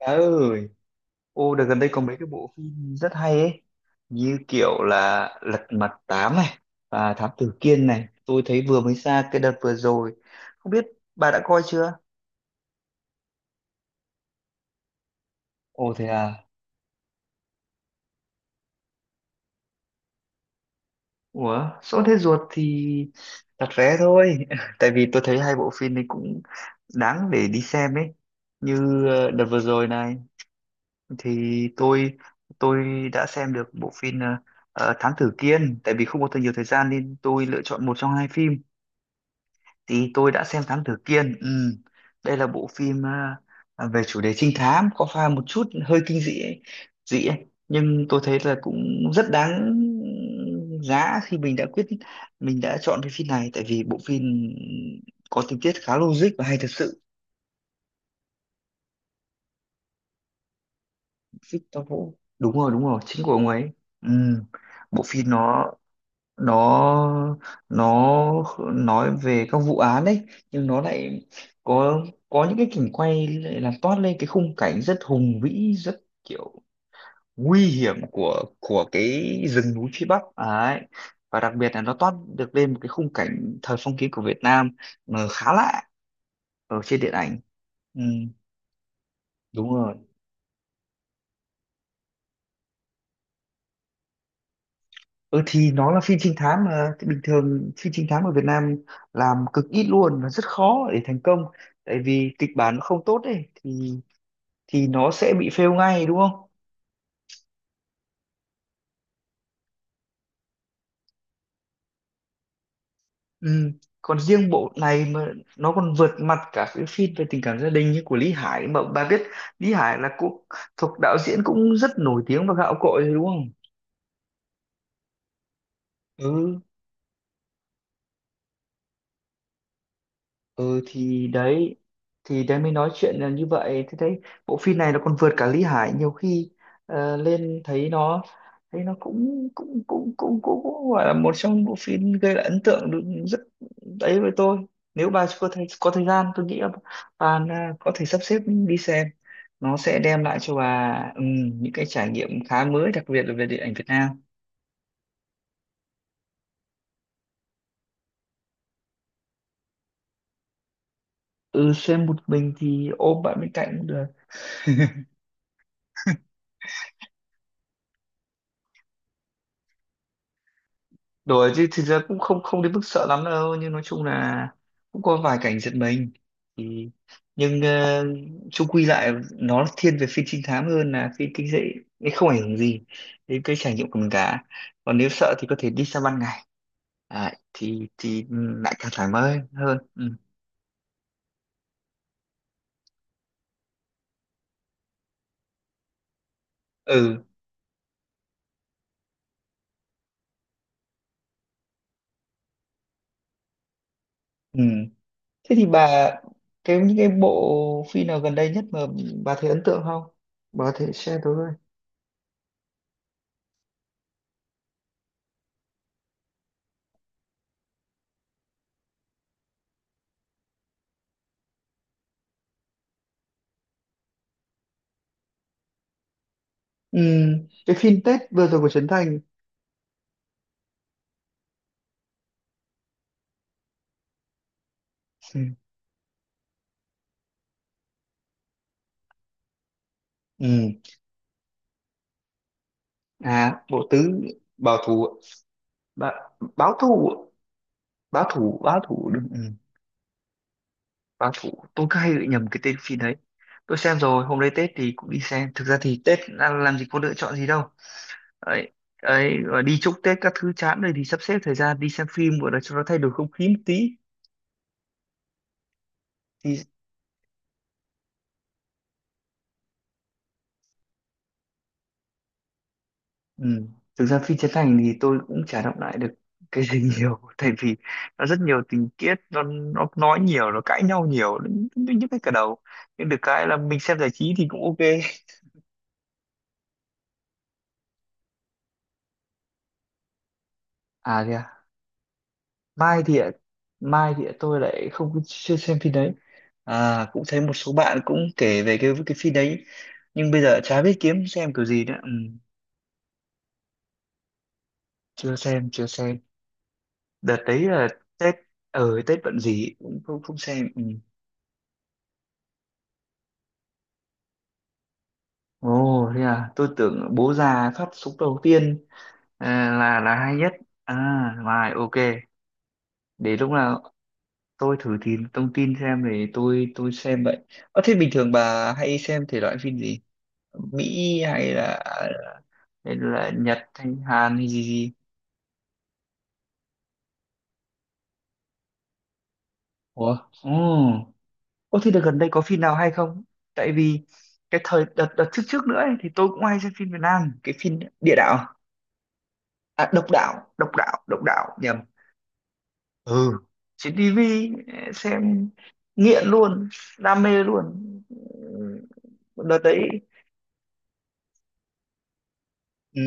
Trời ơi, đợt gần đây có mấy cái bộ phim rất hay ấy, như kiểu là Lật Mặt 8 này và Thám Tử Kiên này, tôi thấy vừa mới ra cái đợt vừa rồi, không biết bà đã coi chưa? Ồ thế à? Ủa, sốt hết ruột thì đặt vé thôi, tại vì tôi thấy hai bộ phim này cũng đáng để đi xem ấy, như đợt vừa rồi này thì tôi đã xem được bộ phim Thám Tử Kiên, tại vì không có nhiều thời gian nên tôi lựa chọn một trong hai phim thì tôi đã xem Thám Tử Kiên. Đây là bộ phim về chủ đề trinh thám có pha một chút hơi kinh dị ấy, Nhưng tôi thấy là cũng rất đáng giá khi mình đã chọn cái phim này tại vì bộ phim có tình tiết khá logic và hay thật sự. Victor Vũ đúng rồi, đúng rồi, chính của ông ấy. Ừm, Bộ phim nó nó nói về các vụ án đấy, nhưng nó lại có có những cái cảnh quay lại làm toát lên cái khung cảnh rất hùng vĩ, rất kiểu nguy hiểm của cái rừng núi phía Bắc ấy, và đặc biệt là nó toát được lên một cái khung cảnh thời phong kiến của Việt Nam mà khá lạ ở trên điện ảnh. Ừ, đúng rồi. Ừ thì nó là phim trinh thám mà. Thì bình thường phim trinh thám ở Việt Nam làm cực ít luôn và rất khó để thành công, tại vì kịch bản nó không tốt ấy thì nó sẽ bị fail ngay, đúng không? Ừ. Còn riêng bộ này mà nó còn vượt mặt cả cái phim về tình cảm gia đình như của Lý Hải mà bà biết. Lý Hải là cũng thuộc đạo diễn cũng rất nổi tiếng và gạo cội rồi, đúng không? Ừ. Ừ thì đấy, thì đấy mới nói chuyện là như vậy, thế đấy. Bộ phim này nó còn vượt cả Lý Hải nhiều khi, lên thấy nó, thấy nó cũng cũng cũng cũng cũng, cũng gọi là một trong bộ phim gây lại ấn tượng được rất đấy với tôi. Nếu bà có thời gian tôi nghĩ là bà là có thể sắp xếp đi xem, nó sẽ đem lại cho bà những cái trải nghiệm khá mới, đặc biệt là về điện ảnh Việt Nam. Ừ, xem một mình thì ôm bạn bên cạnh cũng được. Đùa chứ thực ra cũng không không đến mức sợ lắm đâu, nhưng nói chung là cũng có vài cảnh giật mình thì, nhưng chung quy lại nó thiên về phim trinh thám hơn là phim kinh dị, nên không ảnh hưởng gì đến cái trải nghiệm của mình cả. Còn nếu sợ thì có thể đi sang ban ngày. Đấy, thì lại càng thoải mái hơn. Ừ. Ừ, ừ, thế thì bà những cái bộ phim nào gần đây nhất mà bà thấy ấn tượng không, bà có thể share tôi với. Ừ, cái phim Tết vừa rồi của Trấn Thành. Ừ. Ừ. À, bộ tứ bảo thủ. Ba, báo thủ, báo thủ, báo thủ, đúng. Ừ. Báo thủ tôi cứ hay bị nhầm cái tên phim đấy. Tôi xem rồi, hôm nay Tết thì cũng đi xem. Thực ra thì Tết làm gì có lựa chọn gì đâu ấy. Ấy rồi, đi chúc Tết các thứ chán rồi thì sắp xếp thời gian đi xem phim gọi là cho nó thay đổi không khí một tí thì. Ừ. Thực ra phim Trấn Thành thì tôi cũng chả đọc lại được cái gì nhiều, tại vì nó rất nhiều tình tiết, nó nói nhiều, nó cãi nhau nhiều, những nhức hết cả đầu, nhưng được cái là mình xem giải trí thì cũng ok. À kìa, mai thì ạ- mai thì ạ, tôi lại không có- chưa xem phim đấy. À, cũng thấy một số bạn cũng kể về cái phim đấy, nhưng bây giờ chả biết kiếm xem kiểu gì nữa. Ừ. Chưa xem, chưa xem. Đợt đấy là Tết, ở Tết bận gì cũng không không xem. Ừ. Ồ, thế à, tôi tưởng bố già phát súng đầu tiên là hay nhất. À, rồi, ok. Để lúc nào tôi thử tìm thông tin xem để tôi xem vậy. Ờ, thế bình thường bà hay xem thể loại phim gì? Mỹ hay là, hay là Nhật, hay Hàn, hay gì gì? Ủa? Ồ. Ồ, thế đợt gần đây có phim nào hay không? Tại vì cái thời đợt, đợt trước trước nữa ấy, thì tôi cũng hay xem phim Việt Nam, cái phim Địa Đạo, à Độc Đạo, Độc Đạo, Độc Đạo, nhầm. Ừ, trên tivi xem nghiện luôn, đam mê luôn. Ừ, đợt đấy. Ừ.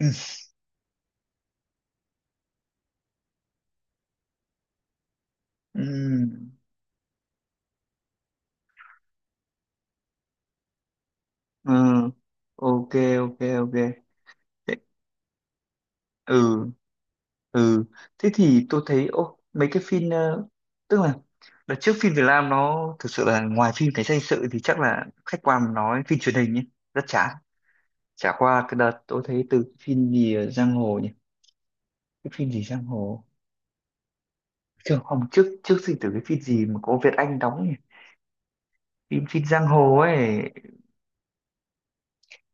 Ừ. Ừ. Ừ. Ok, ok, ok. Thế, ừ, ừ, thế thì tôi thấy mấy cái phim, tức là đợt trước phim Việt Nam nó thực sự là, ngoài phim cảnh sát hình sự thì chắc là khách quan mà nói phim truyền hình nhé, rất chán. Chả qua cái đợt tôi thấy từ phim gì ở giang hồ nhỉ, cái phim gì giang hồ. Chứ không, trước, trước sinh tử cái phim gì mà có Việt Anh đóng nhỉ, phim phim giang hồ ấy.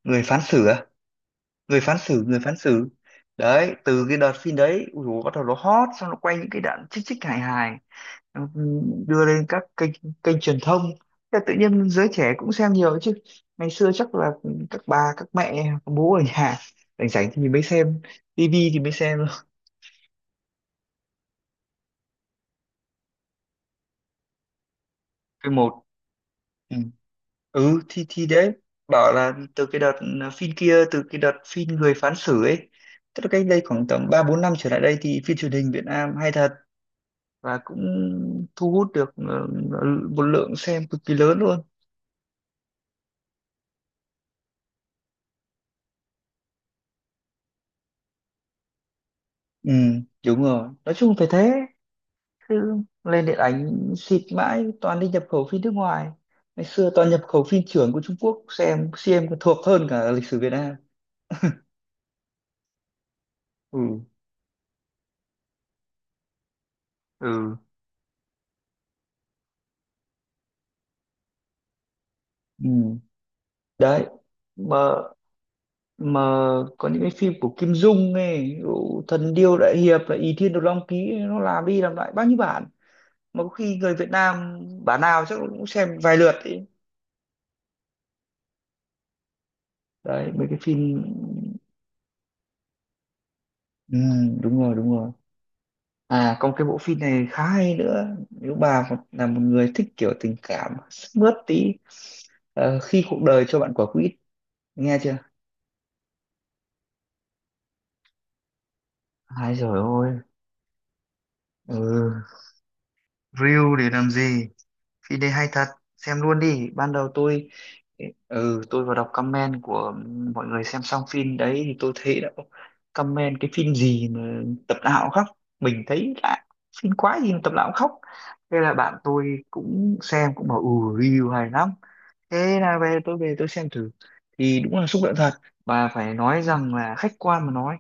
Người phán xử à? Người phán xử, người phán xử. Đấy, từ cái đợt phim đấy ui dồi, bắt đầu nó hot, xong nó quay những cái đoạn chích chích hài hài, nó đưa lên các kênh, kênh truyền thông. Thế tự nhiên giới trẻ cũng xem nhiều chứ ngày xưa chắc là các bà, các mẹ, các bố ở nhà rảnh rảnh thì mới xem tivi, thì mới xem thôi. Cái một, ừ thì đấy, bảo là từ cái đợt phim kia, từ cái đợt phim người phán xử ấy, tức là cách đây khoảng tầm ba bốn năm trở lại đây thì phim truyền hình Việt Nam hay thật và cũng thu hút được ờ, một lượng xem cực kỳ lớn luôn. Ừ, đúng rồi, nói chung phải thế. Cứ lên điện ảnh xịt mãi, toàn đi nhập khẩu phim nước ngoài. Ngày xưa toàn nhập khẩu phim chưởng của Trung Quốc, xem còn thuộc hơn cả lịch sử Việt Nam. Ừ, ừ, ừ. Đấy, mà mà có những cái phim của Kim Dung ấy, ví dụ Thần Điêu Đại Hiệp là Ỷ Thiên Đồ Long Ký ấy, nó làm đi làm lại bao nhiêu bản mà có khi người Việt Nam bản nào chắc cũng xem vài lượt ấy. Đấy mấy cái phim. Ừ, đúng rồi, đúng rồi. À còn cái bộ phim này khá hay nữa, nếu bà là một người thích kiểu tình cảm sức mướt tí, khi cuộc đời cho bạn quả quýt, nghe chưa? Ai rồi ôi. Ừ, reel để làm gì, phim đây hay thật, xem luôn đi. Ban đầu tôi, ừ, tôi vào đọc comment của mọi người xem xong phim đấy thì tôi thấy đã có comment cái phim gì mà tập nào cũng khóc, mình thấy lạ, phim quá gì mà tập nào cũng khóc. Thế là bạn tôi cũng xem cũng bảo ừ, review hay lắm. Thế là về về tôi xem thử thì đúng là xúc động thật, và phải nói rằng là khách quan mà nói,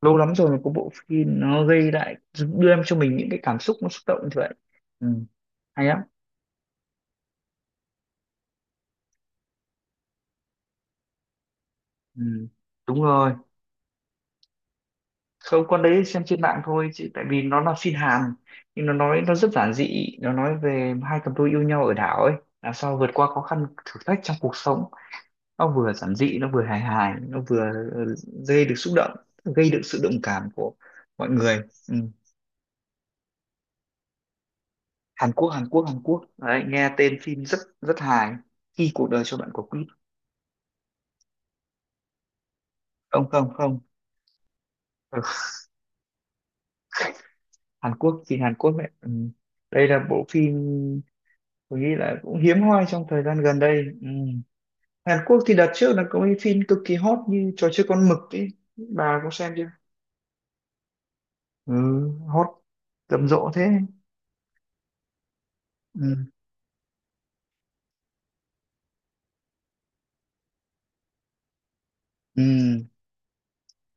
lâu lắm rồi mà có bộ phim nó gây lại đưa em cho mình những cái cảm xúc nó xúc động như vậy. Ừ. Hay lắm. Ừ, đúng rồi, không con đấy xem trên mạng thôi chứ tại vì nó là phim Hàn, nhưng nó nói, nó rất giản dị, nó nói về hai cặp đôi yêu nhau ở đảo ấy, làm sao vượt qua khó khăn thử thách trong cuộc sống, nó vừa giản dị, nó vừa hài hài, nó vừa gây được xúc động, gây được sự đồng cảm của mọi người. Ừ. Hàn Quốc, Hàn Quốc, Hàn Quốc, đấy, nghe tên phim rất rất hài, khi cuộc đời cho bạn quả quýt. Không, không, không. Ừ. Hàn Quốc, phim Hàn Quốc ấy. Ừ. Đây là bộ phim tôi nghĩ là cũng hiếm hoi trong thời gian gần đây. Ừ. Hàn Quốc thì đợt trước là có cái phim cực kỳ hot như trò chơi con mực ấy, bà có xem chưa? Ừ, hot rầm rộ thế. Ừ. Ừ.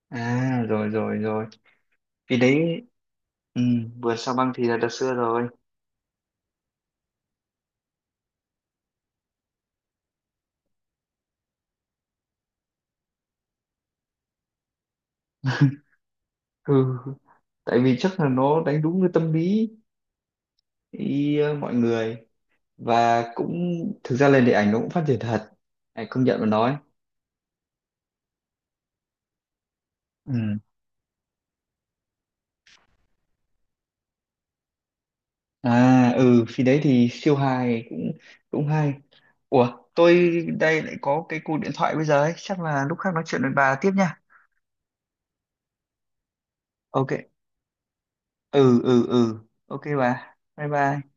À rồi, rồi, rồi. Vì đấy. Ừ. Vườn sao băng thì là đợt xưa rồi. Ừ. Tại vì chắc là nó đánh đúng cái tâm lý ý, mọi người, và cũng thực ra lên điện ảnh nó cũng phát triển thật. Này, công nhận mà nói. Ừ. À ừ, phim đấy thì siêu hài, cũng cũng hay. Ủa, tôi đây lại có cái cuộc điện thoại bây giờ ấy, chắc là lúc khác nói chuyện với bà tiếp nha. Ok. Ừ, ừ, ừ. Ok bà. Bye bye.